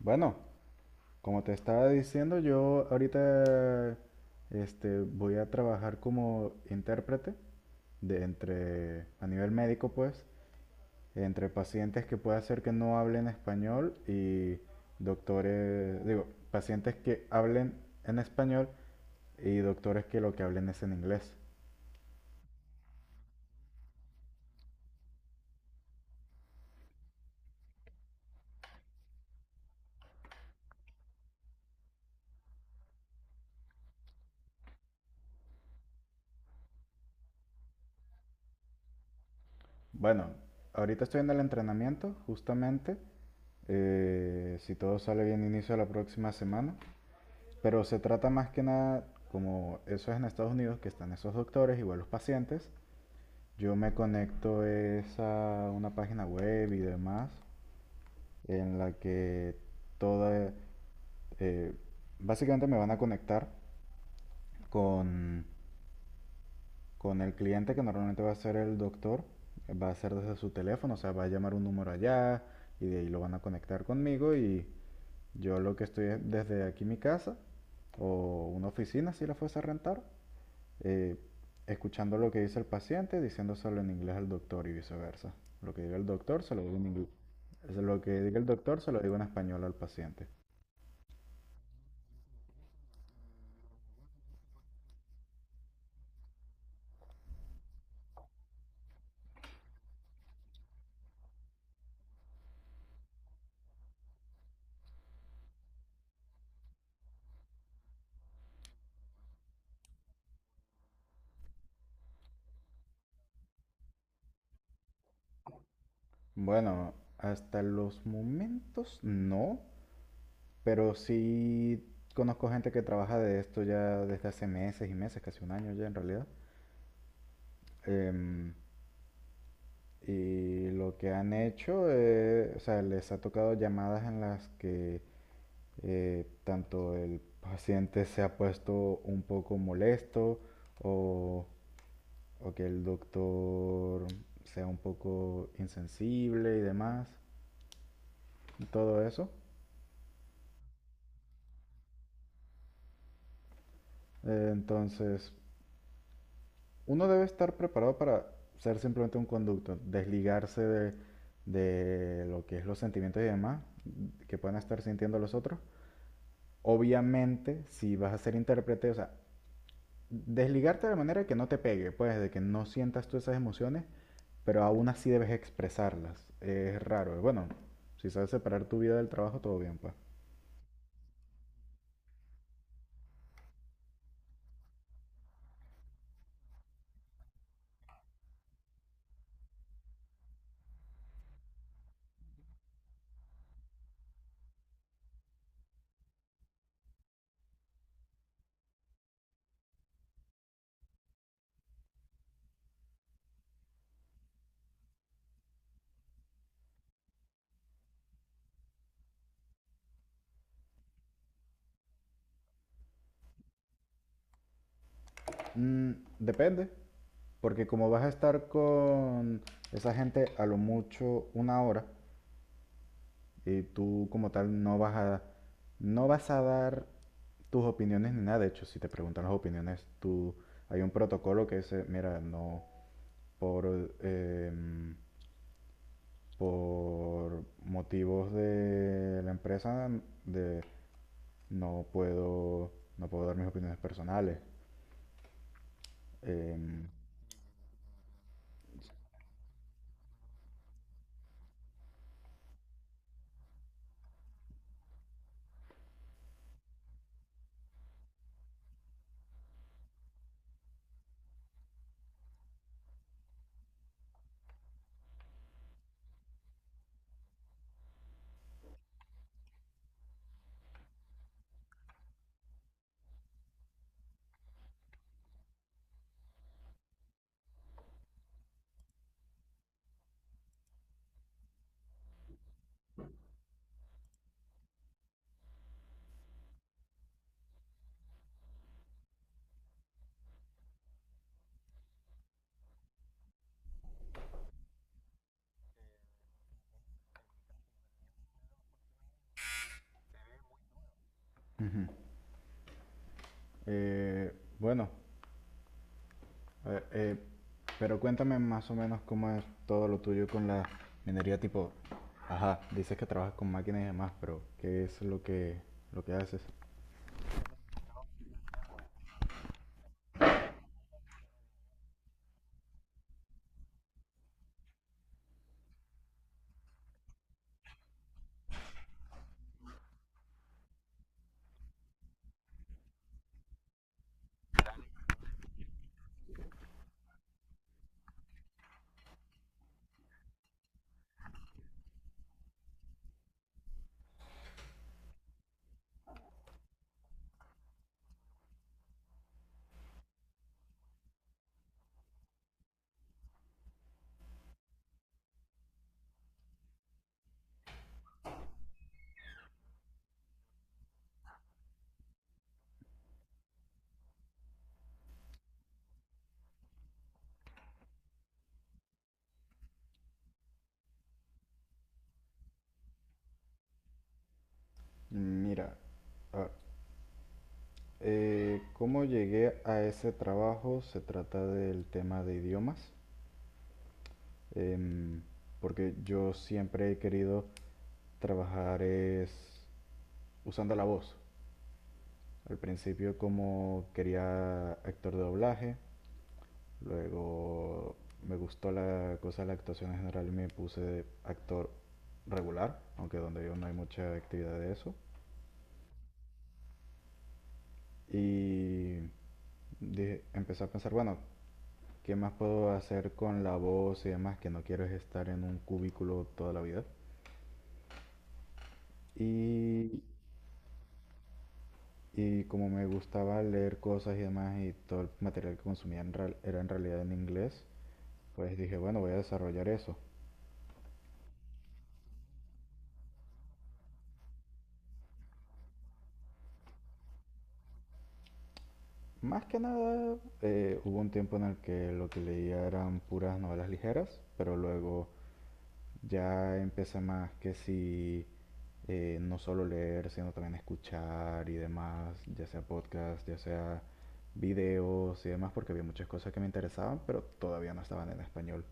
Bueno, como te estaba diciendo, yo ahorita voy a trabajar como intérprete a nivel médico pues, entre pacientes que puede ser que no hablen español y doctores, digo, pacientes que hablen en español y doctores que lo que hablen es en inglés. Bueno, ahorita estoy en el entrenamiento, justamente. Si todo sale bien, inicio la próxima semana. Pero se trata más que nada, como eso es en Estados Unidos, que están esos doctores, igual los pacientes. Yo me conecto es a una página web y demás, en la que toda, eh, básicamente me van a conectar con, con el cliente que normalmente va a ser el doctor, va a ser desde su teléfono, o sea, va a llamar un número allá y de ahí lo van a conectar conmigo y yo lo que estoy es desde aquí mi casa o una oficina si la fuese a rentar, eh, escuchando lo que dice el paciente, diciéndoselo en inglés al doctor y viceversa. Lo que diga el doctor se lo digo en inglés. Lo que diga el doctor se lo digo en español al paciente. Bueno, hasta los momentos no, pero sí conozco gente que trabaja de esto ya desde hace meses y meses, casi un año ya en realidad. Em, y lo que han hecho, o sea, les ha tocado llamadas en las que tanto el paciente se ha puesto un poco molesto o, o que el doctor sea un poco insensible y demás, y todo eso. Entonces, uno debe estar preparado para ser simplemente un conducto, desligarse de lo que es los sentimientos y demás que puedan estar sintiendo los otros. Obviamente, si vas a ser intérprete, o sea, desligarte de manera que no te pegue, pues, de que no sientas tú esas emociones, pero aún así debes expresarlas. Es raro. Bueno, si sabes separar tu vida del trabajo, todo bien, pues. Mm, Depende, porque como vas a estar con esa gente a lo mucho una hora, y tú como tal no vas a dar tus opiniones ni nada. De hecho, si te preguntan las opiniones, tú, hay un protocolo que dice, mira, no, por... em, por motivos de la empresa de no puedo no puedo dar mis opiniones personales. Em, Ujú. Eh, bueno, eh, eh, pero cuéntame más o menos cómo es todo lo tuyo con la minería tipo, ajá, dices que trabajas con máquinas y demás, pero ¿qué es lo que haces? Mira, ah, ¿cómo llegué a ese trabajo? Se trata del tema de idiomas. em, Porque yo siempre he querido trabajar es usando la voz. Al principio como quería actor de doblaje, luego me gustó la cosa de la actuación en general y me puse de actor regular, aunque donde yo no hay mucha actividad de eso. Y empecé a pensar, bueno, ¿qué más puedo hacer con la voz y demás? Que no quiero es estar en un cubículo toda la vida. Y Y como me gustaba leer cosas y demás, y todo el material que consumía era en realidad en inglés, pues dije, bueno, voy a desarrollar eso. Más que nada, hubo un tiempo en el que lo que leía eran puras novelas ligeras, pero luego ya empecé más que si no solo leer, sino también escuchar y demás, ya sea podcast, ya sea videos y demás, porque había muchas cosas que me interesaban, pero todavía no estaban en español.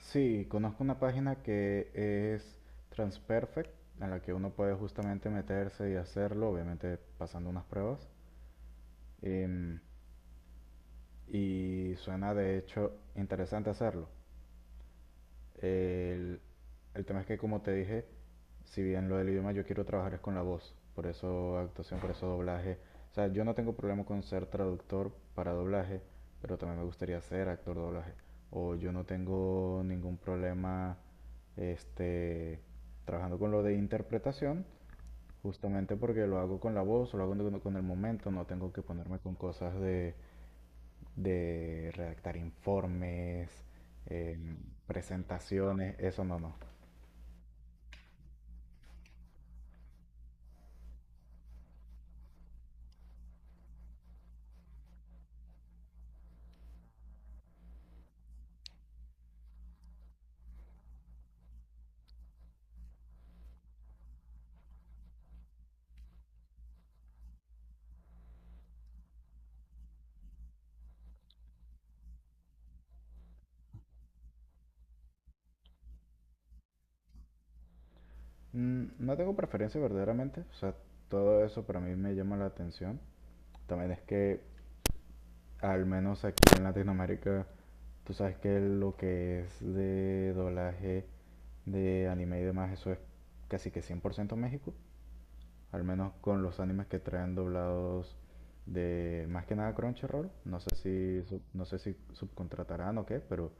Sí, conozco una página que es Transperfect, en la que uno puede justamente meterse y hacerlo, obviamente pasando unas pruebas. em, y suena de hecho interesante hacerlo. El, el tema es que, como te dije, si bien lo del idioma yo quiero trabajar es con la voz, por eso actuación, por eso doblaje. O sea, yo no tengo problema con ser traductor para doblaje, pero también me gustaría ser actor de doblaje. O yo no tengo ningún problema este, trabajando con lo de interpretación, justamente porque lo hago con la voz, lo hago con el momento, no tengo que ponerme con cosas de redactar informes, em, presentaciones, eso no, no. No tengo preferencia verdaderamente, o sea, todo eso para mí me llama la atención. También es que, al menos aquí en Latinoamérica, tú sabes que lo que es de doblaje de anime y demás, eso es casi que 100% México. Al menos con los animes que traen doblados de más que nada Crunchyroll. No sé si subcontratarán o qué, pero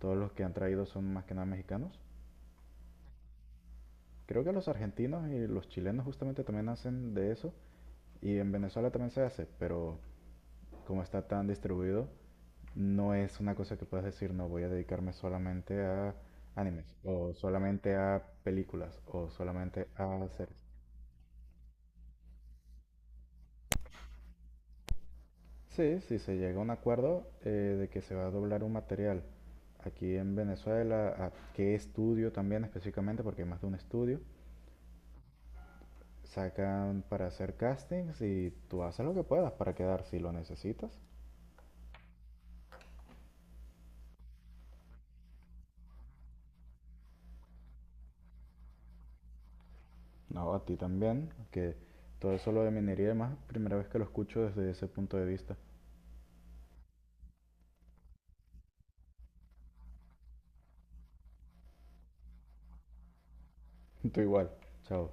todos los que han traído son más que nada mexicanos. Creo que los argentinos y los chilenos justamente también hacen de eso y en Venezuela también se hace, pero como está tan distribuido, no es una cosa que puedas decir, no voy a dedicarme solamente a animes o solamente a películas o solamente a series. Sí, si se llega a un acuerdo de que se va a doblar un material aquí en Venezuela, a qué estudio también específicamente, porque hay más de un estudio, sacan para hacer castings y tú haces lo que puedas para quedar si lo necesitas. No, a ti también, que todo eso lo de minería y demás, primera vez que lo escucho desde ese punto de vista. Tú igual, chao.